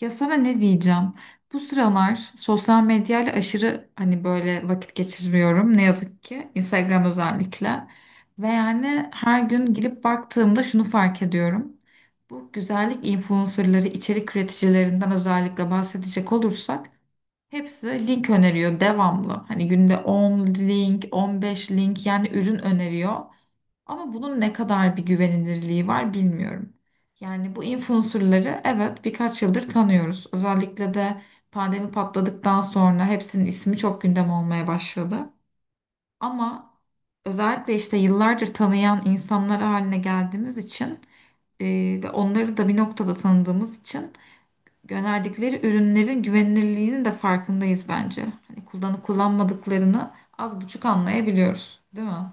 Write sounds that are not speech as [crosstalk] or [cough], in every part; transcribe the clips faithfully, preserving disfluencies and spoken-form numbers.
Ya sana ne diyeceğim? Bu sıralar sosyal medyayla aşırı hani böyle vakit geçiriyorum ne yazık ki Instagram özellikle. Ve yani her gün girip baktığımda şunu fark ediyorum. Bu güzellik influencerları, içerik üreticilerinden özellikle bahsedecek olursak hepsi link öneriyor devamlı. Hani günde on link, on beş link yani ürün öneriyor. Ama bunun ne kadar bir güvenilirliği var bilmiyorum. Yani bu influencerları evet birkaç yıldır tanıyoruz. Özellikle de pandemi patladıktan sonra hepsinin ismi çok gündem olmaya başladı. Ama özellikle işte yıllardır tanıyan insanlar haline geldiğimiz için e, ve onları da bir noktada tanıdığımız için gönderdikleri ürünlerin güvenilirliğinin de farkındayız bence. Hani kullanıp kullanmadıklarını az buçuk anlayabiliyoruz, değil mi?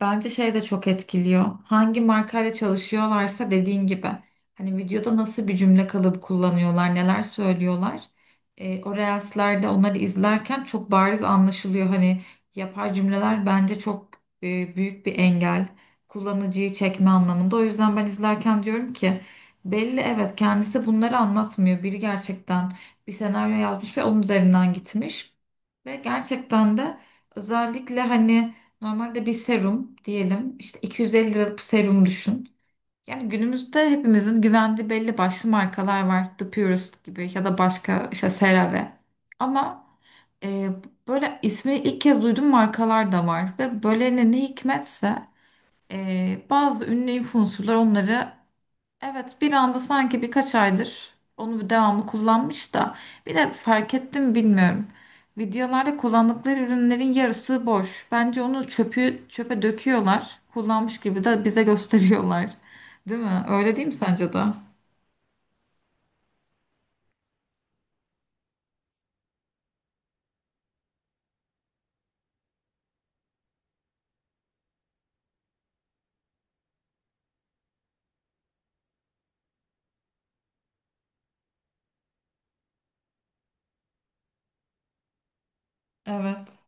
Bence şey de çok etkiliyor. Hangi markayla çalışıyorlarsa dediğin gibi. Hani videoda nasıl bir cümle kalıbı kullanıyorlar, neler söylüyorlar. E, o reels'lerde onları izlerken çok bariz anlaşılıyor. Hani yapay cümleler bence çok e, büyük bir engel. Kullanıcıyı çekme anlamında. O yüzden ben izlerken diyorum ki belli, evet, kendisi bunları anlatmıyor. Biri gerçekten bir senaryo yazmış ve onun üzerinden gitmiş. Ve gerçekten de özellikle hani normalde bir serum diyelim, işte iki yüz elli liralık bir serum düşün. Yani günümüzde hepimizin güvendiği belli başlı markalar var. The Purist gibi, ya da başka işte CeraVe. Ama e, böyle ismi ilk kez duyduğum markalar da var. Ve böyle ne, ne hikmetse e, bazı ünlü influencerlar onları... Evet, bir anda sanki birkaç aydır onu bir devamlı kullanmış da bir de fark ettim, bilmiyorum. Videolarda kullandıkları ürünlerin yarısı boş. Bence onu, çöpü çöpe döküyorlar. Kullanmış gibi de bize [laughs] gösteriyorlar. Değil mi? Öyle değil mi, sence de? Evet.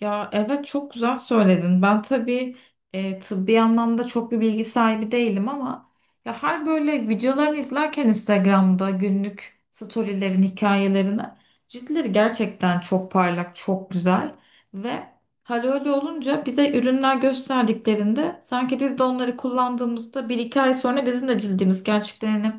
Ya evet, çok güzel söyledin. Ben tabii e, tıbbi anlamda çok bir bilgi sahibi değilim, ama ya her böyle videolarını izlerken Instagram'da günlük storylerin, hikayelerini, ciltleri gerçekten çok parlak, çok güzel ve hal öyle olunca bize ürünler gösterdiklerinde sanki biz de onları kullandığımızda bir iki ay sonra bizim de cildimiz gerçekten hani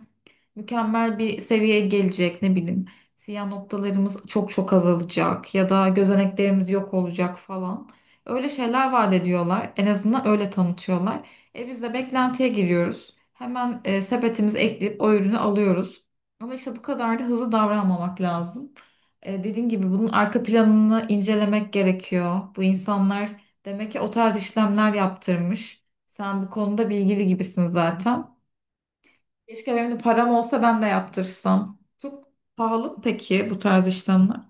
mükemmel bir seviyeye gelecek, ne bileyim. Siyah noktalarımız çok çok azalacak ya da gözeneklerimiz yok olacak falan. Öyle şeyler vaat ediyorlar. En azından öyle tanıtıyorlar. E, biz de beklentiye giriyoruz. Hemen e, sepetimizi ekleyip o ürünü alıyoruz. Ama işte bu kadar da hızlı davranmamak lazım. E, dediğim gibi bunun arka planını incelemek gerekiyor. Bu insanlar demek ki o tarz işlemler yaptırmış. Sen bu konuda bilgili gibisin zaten. Keşke benim de param olsa ben de yaptırsam. Çok pahalı mı peki bu tarz işlemler?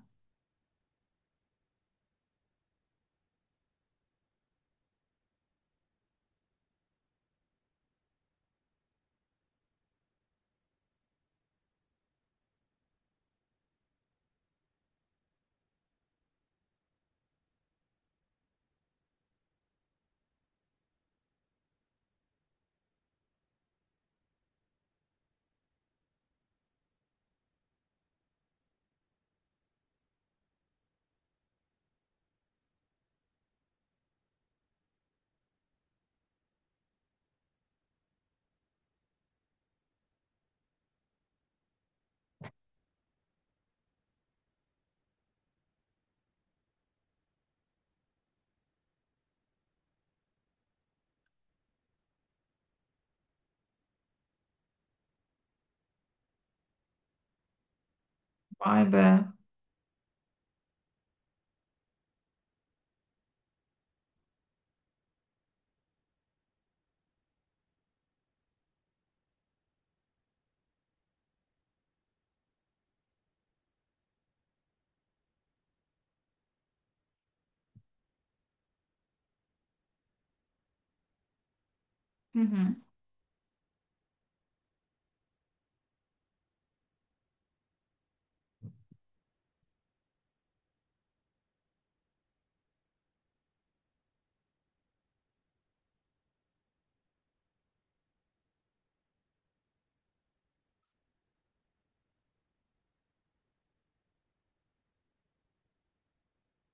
Vay be. Hı hı.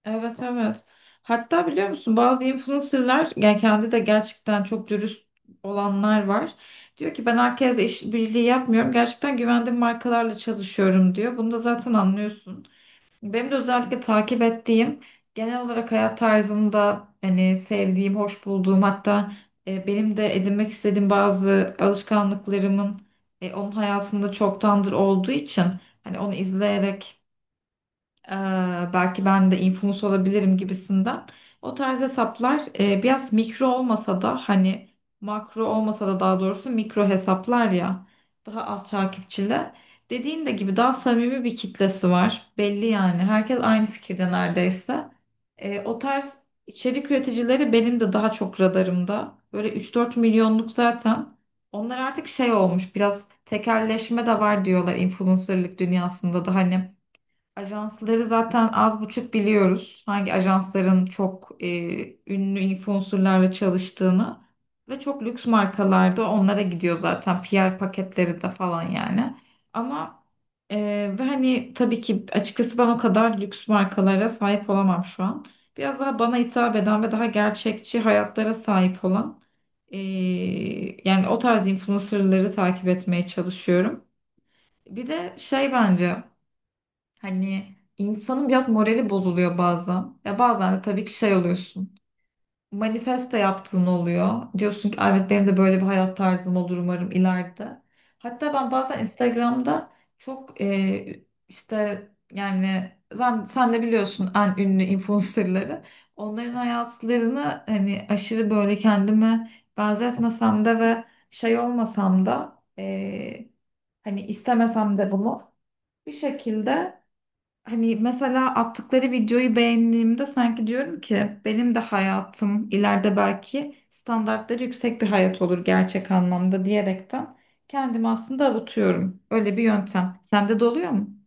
Evet, evet. Hatta biliyor musun, bazı influencerlar yani kendi de gerçekten çok dürüst olanlar var. Diyor ki ben herkesle işbirliği yapmıyorum. Gerçekten güvendiğim markalarla çalışıyorum diyor. Bunu da zaten anlıyorsun. Benim de özellikle takip ettiğim, genel olarak hayat tarzında hani sevdiğim, hoş bulduğum, hatta e, benim de edinmek istediğim bazı alışkanlıklarımın e, onun hayatında çoktandır olduğu için, hani onu izleyerek ee, belki ben de influencer olabilirim gibisinden. O tarz hesaplar e, biraz mikro olmasa da, hani makro olmasa da, daha doğrusu mikro hesaplar ya, daha az takipçili. Dediğin de gibi daha samimi bir kitlesi var. Belli yani. Herkes aynı fikirde neredeyse. E, o tarz içerik üreticileri benim de daha çok radarımda. Böyle üç dört milyonluk zaten. Onlar artık şey olmuş, biraz tekelleşme de var diyorlar influencerlık dünyasında da, hani ajansları zaten az buçuk biliyoruz. Hangi ajansların çok e, ünlü influencerlarla çalıştığını ve çok lüks markalarda onlara gidiyor zaten, P R paketleri de falan yani. Ama e, ve hani tabii ki açıkçası ben o kadar lüks markalara sahip olamam şu an. Biraz daha bana hitap eden ve daha gerçekçi hayatlara sahip olan e, yani o tarz influencerları takip etmeye çalışıyorum. Bir de şey bence, hani insanın biraz morali bozuluyor bazen. Ya bazen de tabii ki şey oluyorsun. Manifeste yaptığın oluyor. Diyorsun ki, "Ay evet, benim de böyle bir hayat tarzım olur umarım ileride." Hatta ben bazen Instagram'da çok e, işte yani sen, sen de biliyorsun en ünlü influencerları. Onların hayatlarını hani aşırı böyle kendime benzetmesem de ve şey olmasam da e, hani istemesem de bunu bir şekilde, hani mesela attıkları videoyu beğendiğimde sanki diyorum ki benim de hayatım ileride belki standartları yüksek bir hayat olur gerçek anlamda diyerekten kendimi aslında avutuyorum. Öyle bir yöntem. Sende de oluyor mu?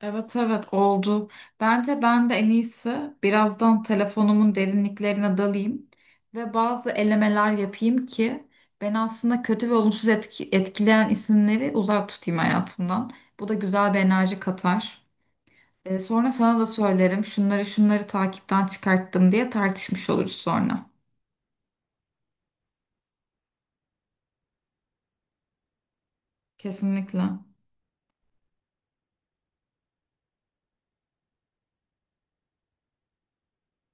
Evet, evet, oldu. Bence ben de en iyisi birazdan telefonumun derinliklerine dalayım ve bazı elemeler yapayım ki beni aslında kötü ve olumsuz etki- etkileyen isimleri uzak tutayım hayatımdan. Bu da güzel bir enerji katar. E, sonra sana da söylerim. Şunları şunları takipten çıkarttım diye tartışmış oluruz sonra. Kesinlikle.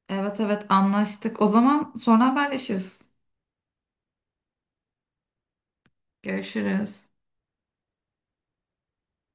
Evet, evet, anlaştık. O zaman sonra haberleşiriz. Görüşürüz.